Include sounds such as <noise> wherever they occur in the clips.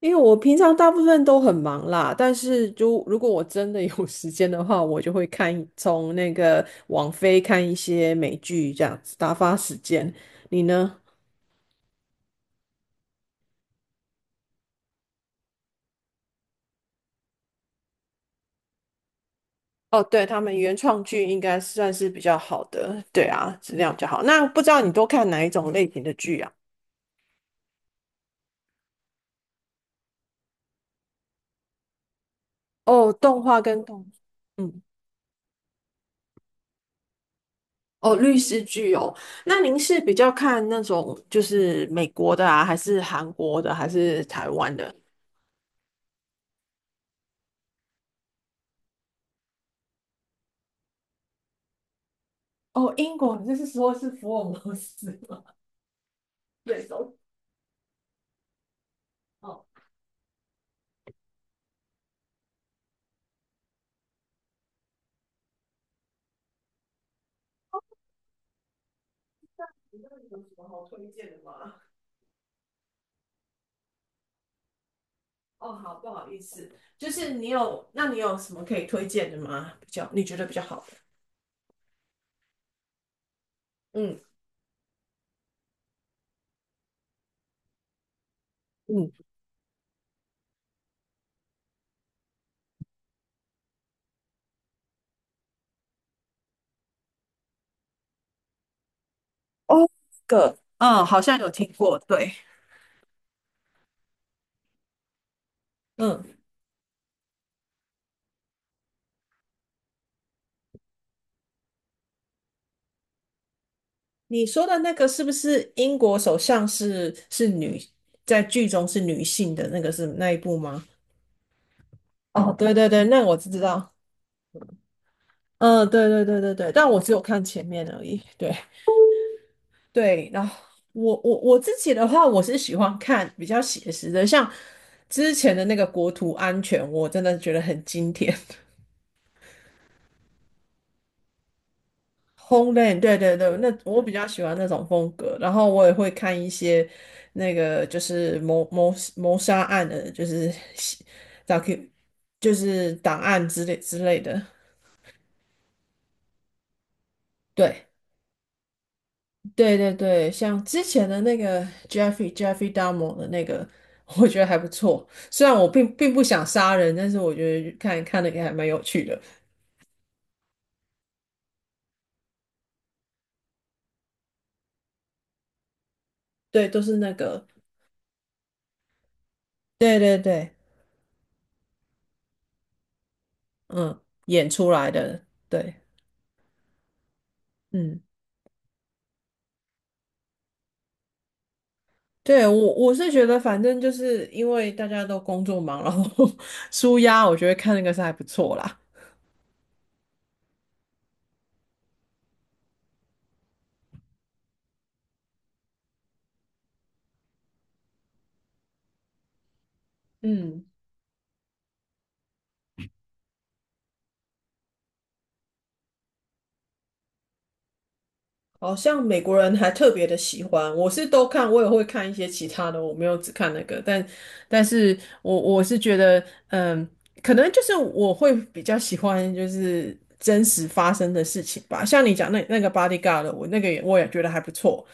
因为我平常大部分都很忙啦，但是就如果我真的有 <laughs> 时间的话，我就会看从那个网飞看一些美剧这样子打发时间。你呢？哦，对，他们原创剧应该算是比较好的，对啊，质量比较好。那不知道你都看哪一种类型的剧啊？哦，动画跟动，嗯，哦，律师剧哦。那您是比较看那种就是美国的啊，还是韩国的，还是台湾的？哦，英国，就是说是福尔摩斯吗？<laughs> 对，都哦，你那里有什么好推荐的吗？哦，好，不好意思，就是你有，那你有什么可以推荐的吗？比较你觉得比较好的？嗯嗯，哦，这个，嗯，好像有听过，对，嗯，你说的那个是不是英国首相是女，在剧中是女性的那个是那一部吗？哦，对对对，那我知道，嗯，对对对对对，但我只有看前面而已，对，对，然后我自己的话，我是喜欢看比较写实的，像之前的那个国土安全，我真的觉得很经典。<laughs> Homeland,对对对，那我比较喜欢那种风格。然后我也会看一些那个就是谋杀案的，就是 DO 就是档案之类的。对，对对对，像之前的那个 Jeffrey Dahmer 的那个，<laughs> 我觉得还不错。虽然我并不想杀人，但是我觉得看看的也还蛮有趣的。对，都是那个，对对对，嗯，演出来的，对，嗯，对我是觉得，反正就是因为大家都工作忙，然后 <laughs> 舒压，我觉得看那个是还不错啦。嗯。好像美国人还特别的喜欢，我是都看，我也会看一些其他的，我没有只看那个，但但是我是觉得，嗯，可能就是我会比较喜欢就是真实发生的事情吧，像你讲那个 Bodyguard,的我那个也我也觉得还不错，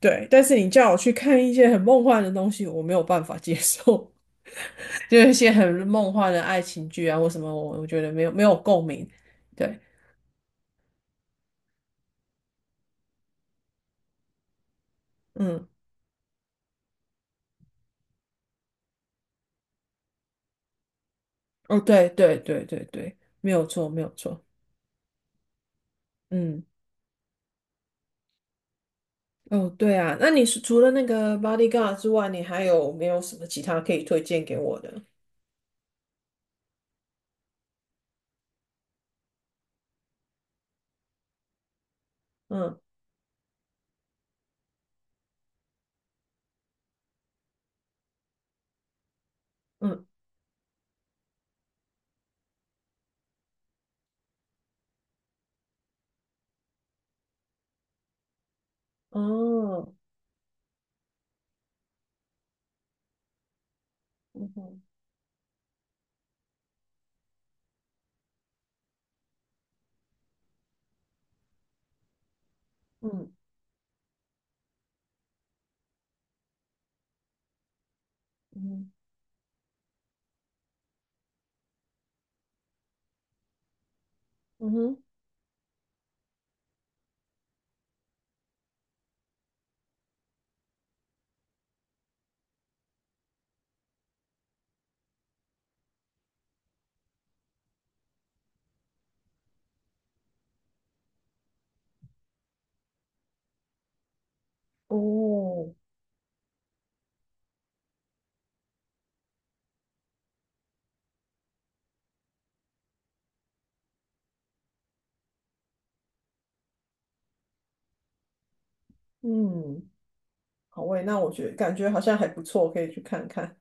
对，但是你叫我去看一些很梦幻的东西，我没有办法接受，<laughs> 就是一些很梦幻的爱情剧啊或什么，我我觉得没有共鸣，对，嗯，哦，对对对对对，没有错，没有错。嗯，哦，对啊，那你是除了那个 Bodyguard 之外，你还有没有什么其他可以推荐给我的？嗯嗯，哦，嗯哼，嗯嗯嗯哼，哦，嗯，好喂，那我觉得感觉好像还不错，可以去看看。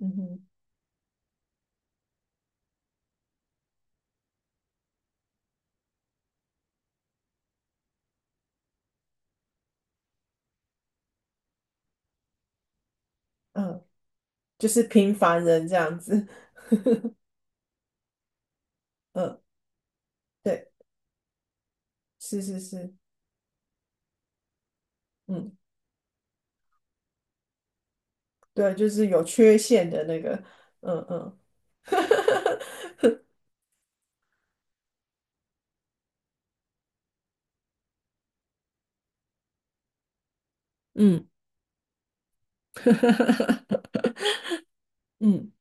嗯哼，嗯，就是平凡人这样子。嗯，对，是是是，嗯，对啊，就是有缺陷的那个，嗯嗯，<laughs> 嗯 <laughs> 嗯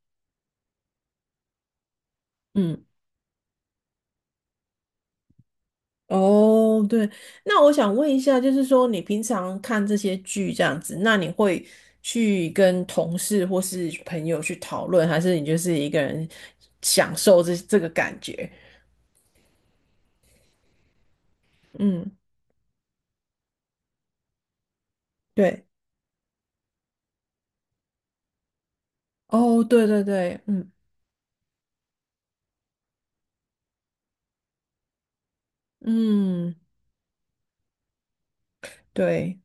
嗯。哦，对，那我想问一下，就是说你平常看这些剧这样子，那你会去跟同事或是朋友去讨论，还是你就是一个人享受这个感觉？嗯，对，哦，对对对，嗯嗯，对。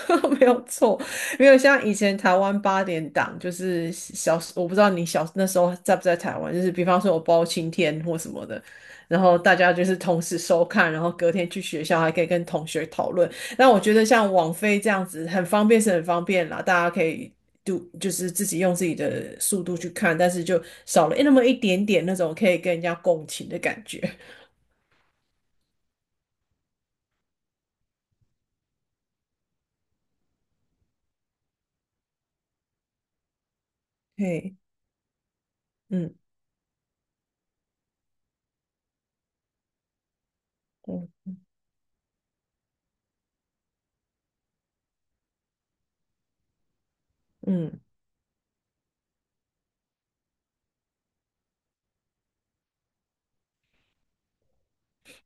<laughs> 没有错，没有像以前台湾八点档，就是小，我不知道你小那时候在不在台湾，就是比方说我包青天或什么的，然后大家就是同时收看，然后隔天去学校还可以跟同学讨论。但我觉得像网飞这样子很方便是很方便啦，大家可以读就是自己用自己的速度去看，但是就少了那么一点点那种可以跟人家共情的感觉。<laughs> 嘿，嗯嗯嗯。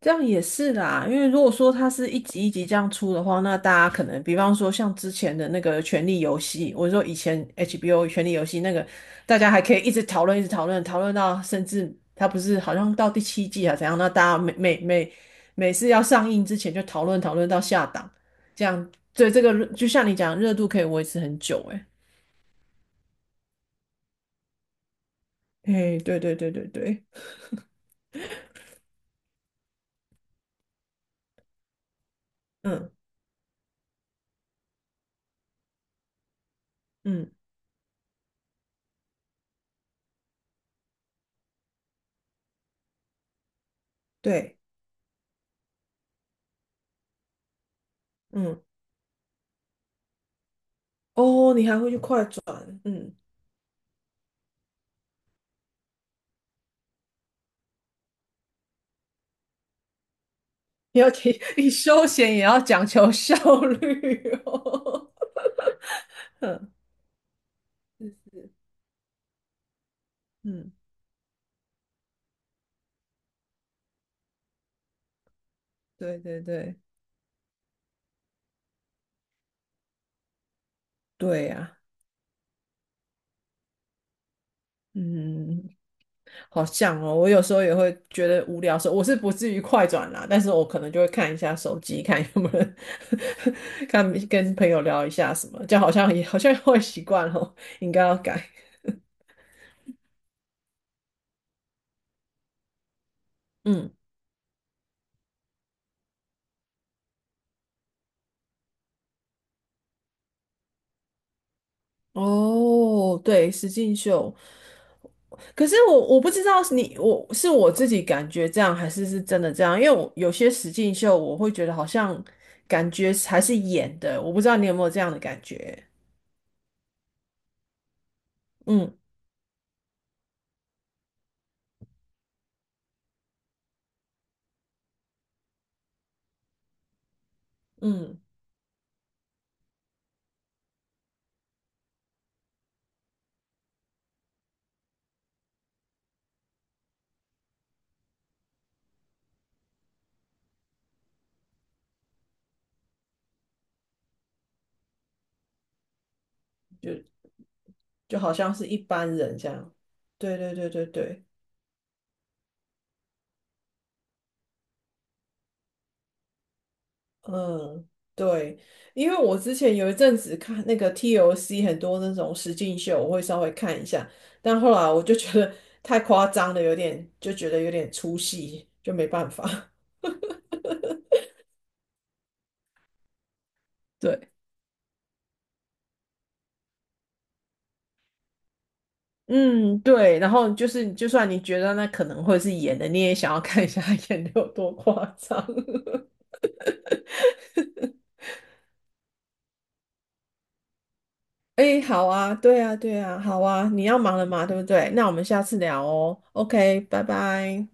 这样也是啦，因为如果说它是一集一集这样出的话，那大家可能，比方说像之前的那个《权力游戏》，我说以前 HBO《权力游戏》那个，大家还可以一直讨论，一直讨论，讨论到甚至它不是好像到第7季啊怎样？那大家每每次要上映之前就讨论到下档，这样以这个热就像你讲，热度可以维持很久、欸。诶，诶，对对对对对，嗯嗯对，嗯哦，你还会去快转，嗯。要提，你休闲也要讲求效率哦。<laughs> 嗯，对对对对呀、嗯，好像哦，我有时候也会觉得无聊的时候，我是不至于快转啦，但是我可能就会看一下手机，看有没有人 <laughs> 看跟朋友聊一下什么，就好像也好像会习惯哦，应该要改。嗯，哦，对，实境秀，可是我不知道是你我是我自己感觉这样，还是是真的这样？因为我有些实境秀，我会觉得好像感觉还是演的，我不知道你有没有这样的感觉？嗯嗯，就就好像是一般人这样。对对对对对，嗯对，因为我之前有一阵子看那个 TOC 很多那种实境秀，我会稍微看一下，但后来我就觉得太夸张了，有点就觉得有点出戏，就没办法。<laughs> 对。嗯，对，然后就是，就算你觉得那可能会是演的，你也想要看一下他演的有多夸张。<laughs> 哎好啊，对啊，对啊，好啊，你要忙了嘛，对不对？那我们下次聊哦。OK,拜拜。